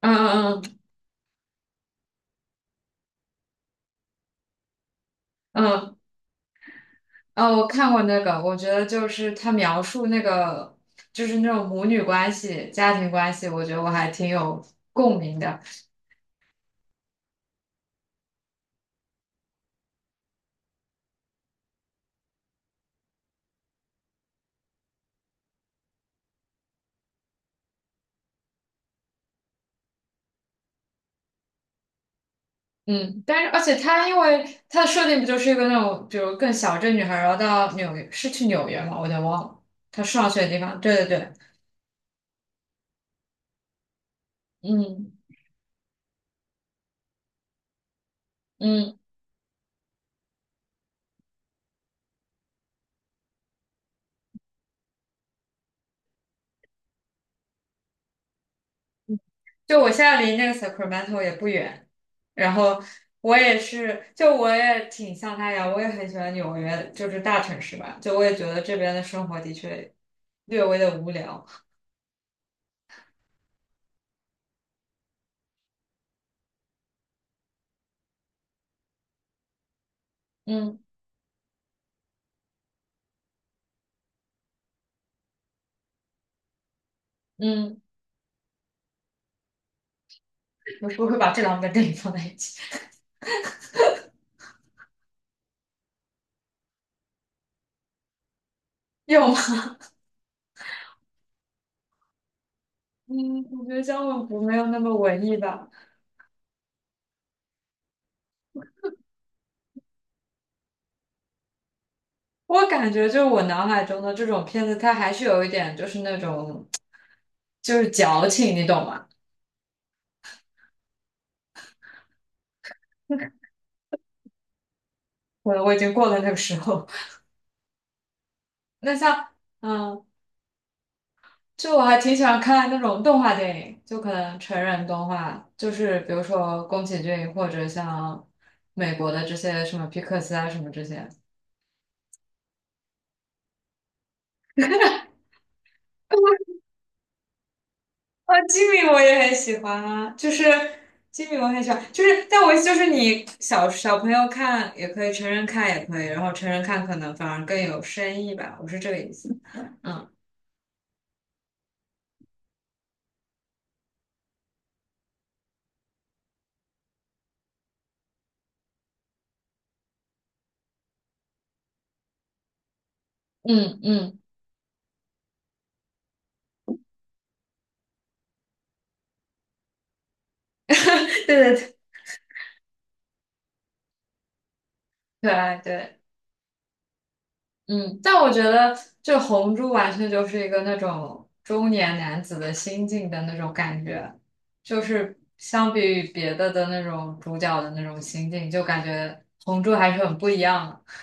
嗯嗯嗯。嗯。哦，我看过那个，我觉得就是他描述那个，就是那种母女关系、家庭关系，我觉得我还挺有共鸣的。嗯，但是而且他因为他的设定不就是一个那种，比如更小镇女孩，然后到纽约，是去纽约嘛，我有点忘了，她上学的地方。对对对，嗯嗯。就我现在离那个 Sacramento 也不远，然后我也是，就我也挺像他一样，我也很喜欢纽约，就是大城市吧，就我也觉得这边的生活的确略微的无聊。嗯嗯。我是不会把这两本电影 放在一起，有吗？嗯，我觉得《江文不没有那么文艺吧。我感觉就是我脑海中的这种片子，它还是有一点就是那种就是矫情，你懂吗？我已经过了那个时候。那像嗯。就我还挺喜欢看那种动画电影，就可能成人动画，就是比如说宫崎骏或者像美国的这些什么皮克斯啊什么这些。哦，吉米我也很喜欢啊，就是吉米我很喜欢，就是但我意思就是你小小朋友看也可以，成人看也可以，然后成人看可能反而更有深意吧，我是这个意思。嗯嗯嗯。对对对。可爱对。嗯，但我觉得这红珠完全就是一个那种中年男子的心境的那种感觉，就是相比于别的的那种主角的那种心境，就感觉红珠还是很不一样的。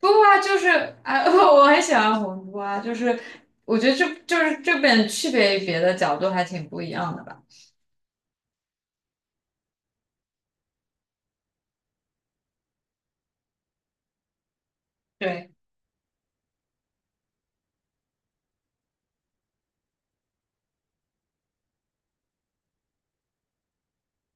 不过啊，就是啊，我很喜欢红珠啊，就是我觉得这就是这本区别于别的角度还挺不一样的吧。对，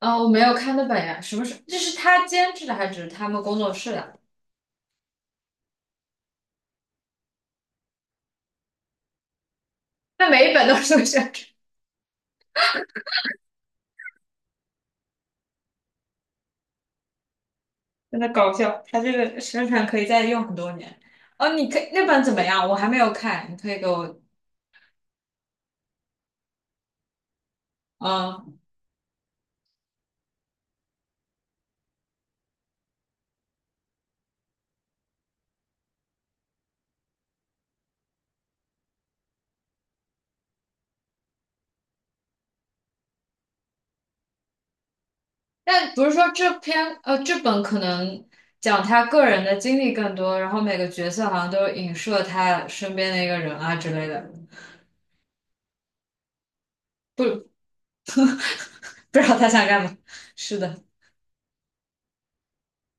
啊，我没有看那本呀，什么是？这是他监制的还是他们工作室的？那每一本都是这样。 真的搞笑，他这个宣传可以再用很多年。哦，你可以那本怎么样？我还没有看，你可以给我。嗯，但不是说这篇这本可能讲他个人的经历更多，然后每个角色好像都影射他身边的一个人啊之类的。不不知道他想干嘛。是的。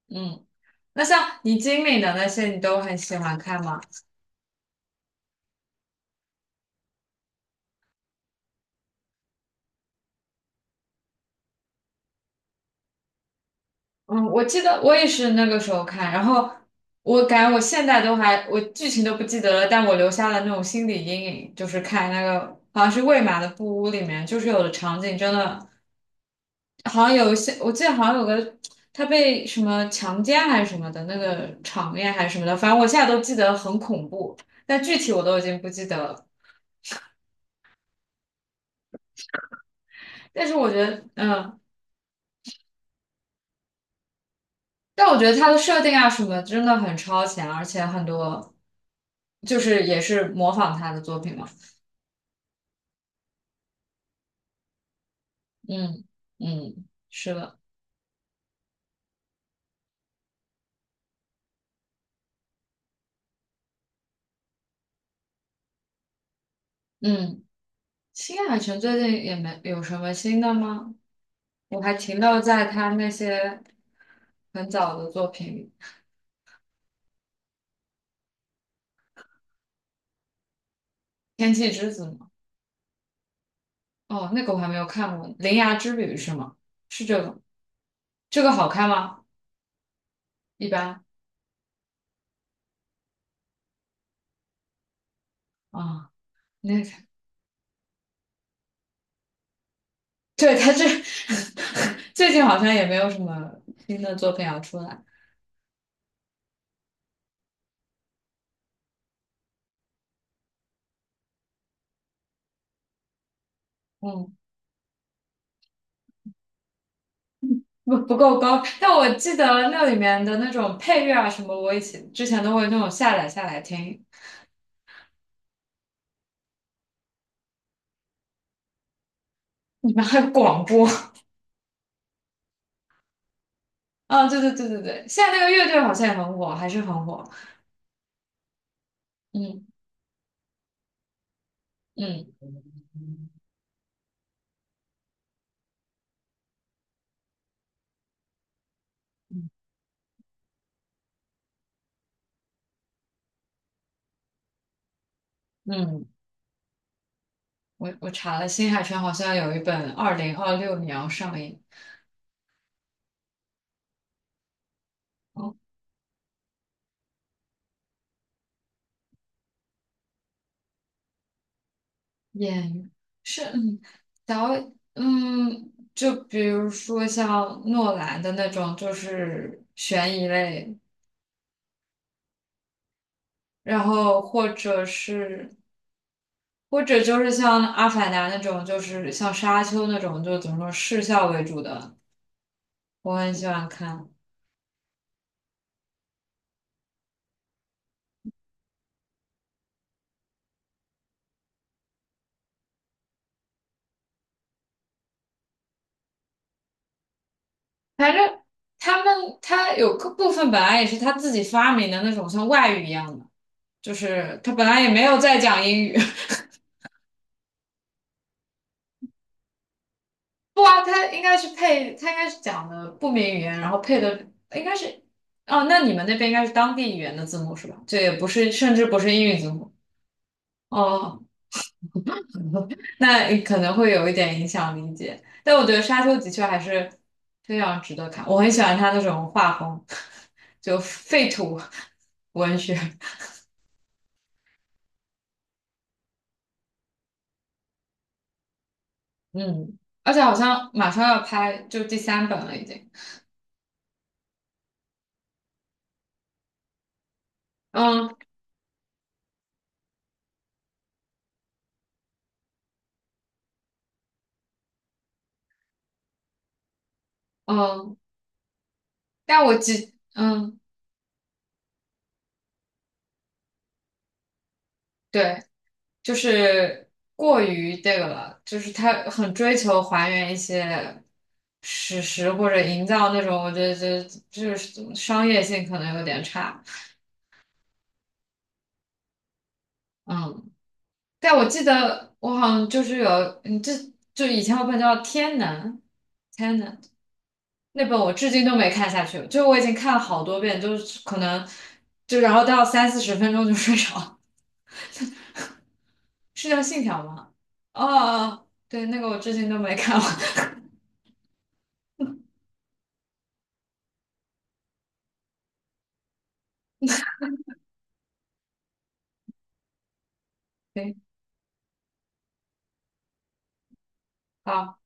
嗯，那像你经历的那些，你都很喜欢看吗？嗯，我记得我也是那个时候看，然后我感觉我现在都还，我剧情都不记得了，但我留下了那种心理阴影，就是看那个好像是魏玛的布屋里面，就是有的场景真的好像有一些，我记得好像有个他被什么强奸还是什么的那个场面还是什么的，反正我现在都记得很恐怖，但具体我都已经不记得了。但是我觉得，嗯，但我觉得他的设定啊什么真的很超前，而且很多就是也是模仿他的作品嘛。嗯嗯，是的。嗯，新海诚最近也没有什么新的吗？我还停留在他那些很早的作品，《里，天气之子》吗？哦，那个我还没有看过，《铃芽之旅》是吗？是这个，这个好看吗？一般。啊，那个，对，他这 最近好像也没有什么新的作品要出来。嗯，不够高，但我记得那里面的那种配乐啊什么，我以前之前都会那种下载下来听。你们还有广播？啊，对对对对对，现在那个乐队好像也很火，还是很火。嗯嗯嗯嗯，我查了，新海诚好像有一本2026年要上映。哦，演员是导演就比如说像诺兰的那种，就是悬疑类，然后或者是。或者就是像《阿凡达》那种，就是像《沙丘》那种，就怎么说视效为主的，我很喜欢看。反正他们他有个部分本来也是他自己发明的那种像外语一样的，就是他本来也没有在讲英语。不啊，他应该是配，他应该是讲的不明语言，然后配的应该是，哦，那你们那边应该是当地语言的字幕是吧？这也不是，甚至不是英语字幕。哦，那你可能会有一点影响理解，但我觉得《沙丘》的确还是非常值得看，我很喜欢他那种画风，就废土文学。嗯，而且好像马上要拍，就第三本了已经。嗯嗯，但我记，嗯，对，就是过于这个了，就是他很追求还原一些史实或者营造那种，我觉得这就是商业性可能有点差。嗯，但我记得我好像就是有，这就以前有本叫《天能》，《天能》。那本我至今都没看下去，就我已经看了好多遍，就是可能就然后到三四十分钟就睡着 是叫《信条》吗？哦，哦哦对，那个我至今都没看完。对，好。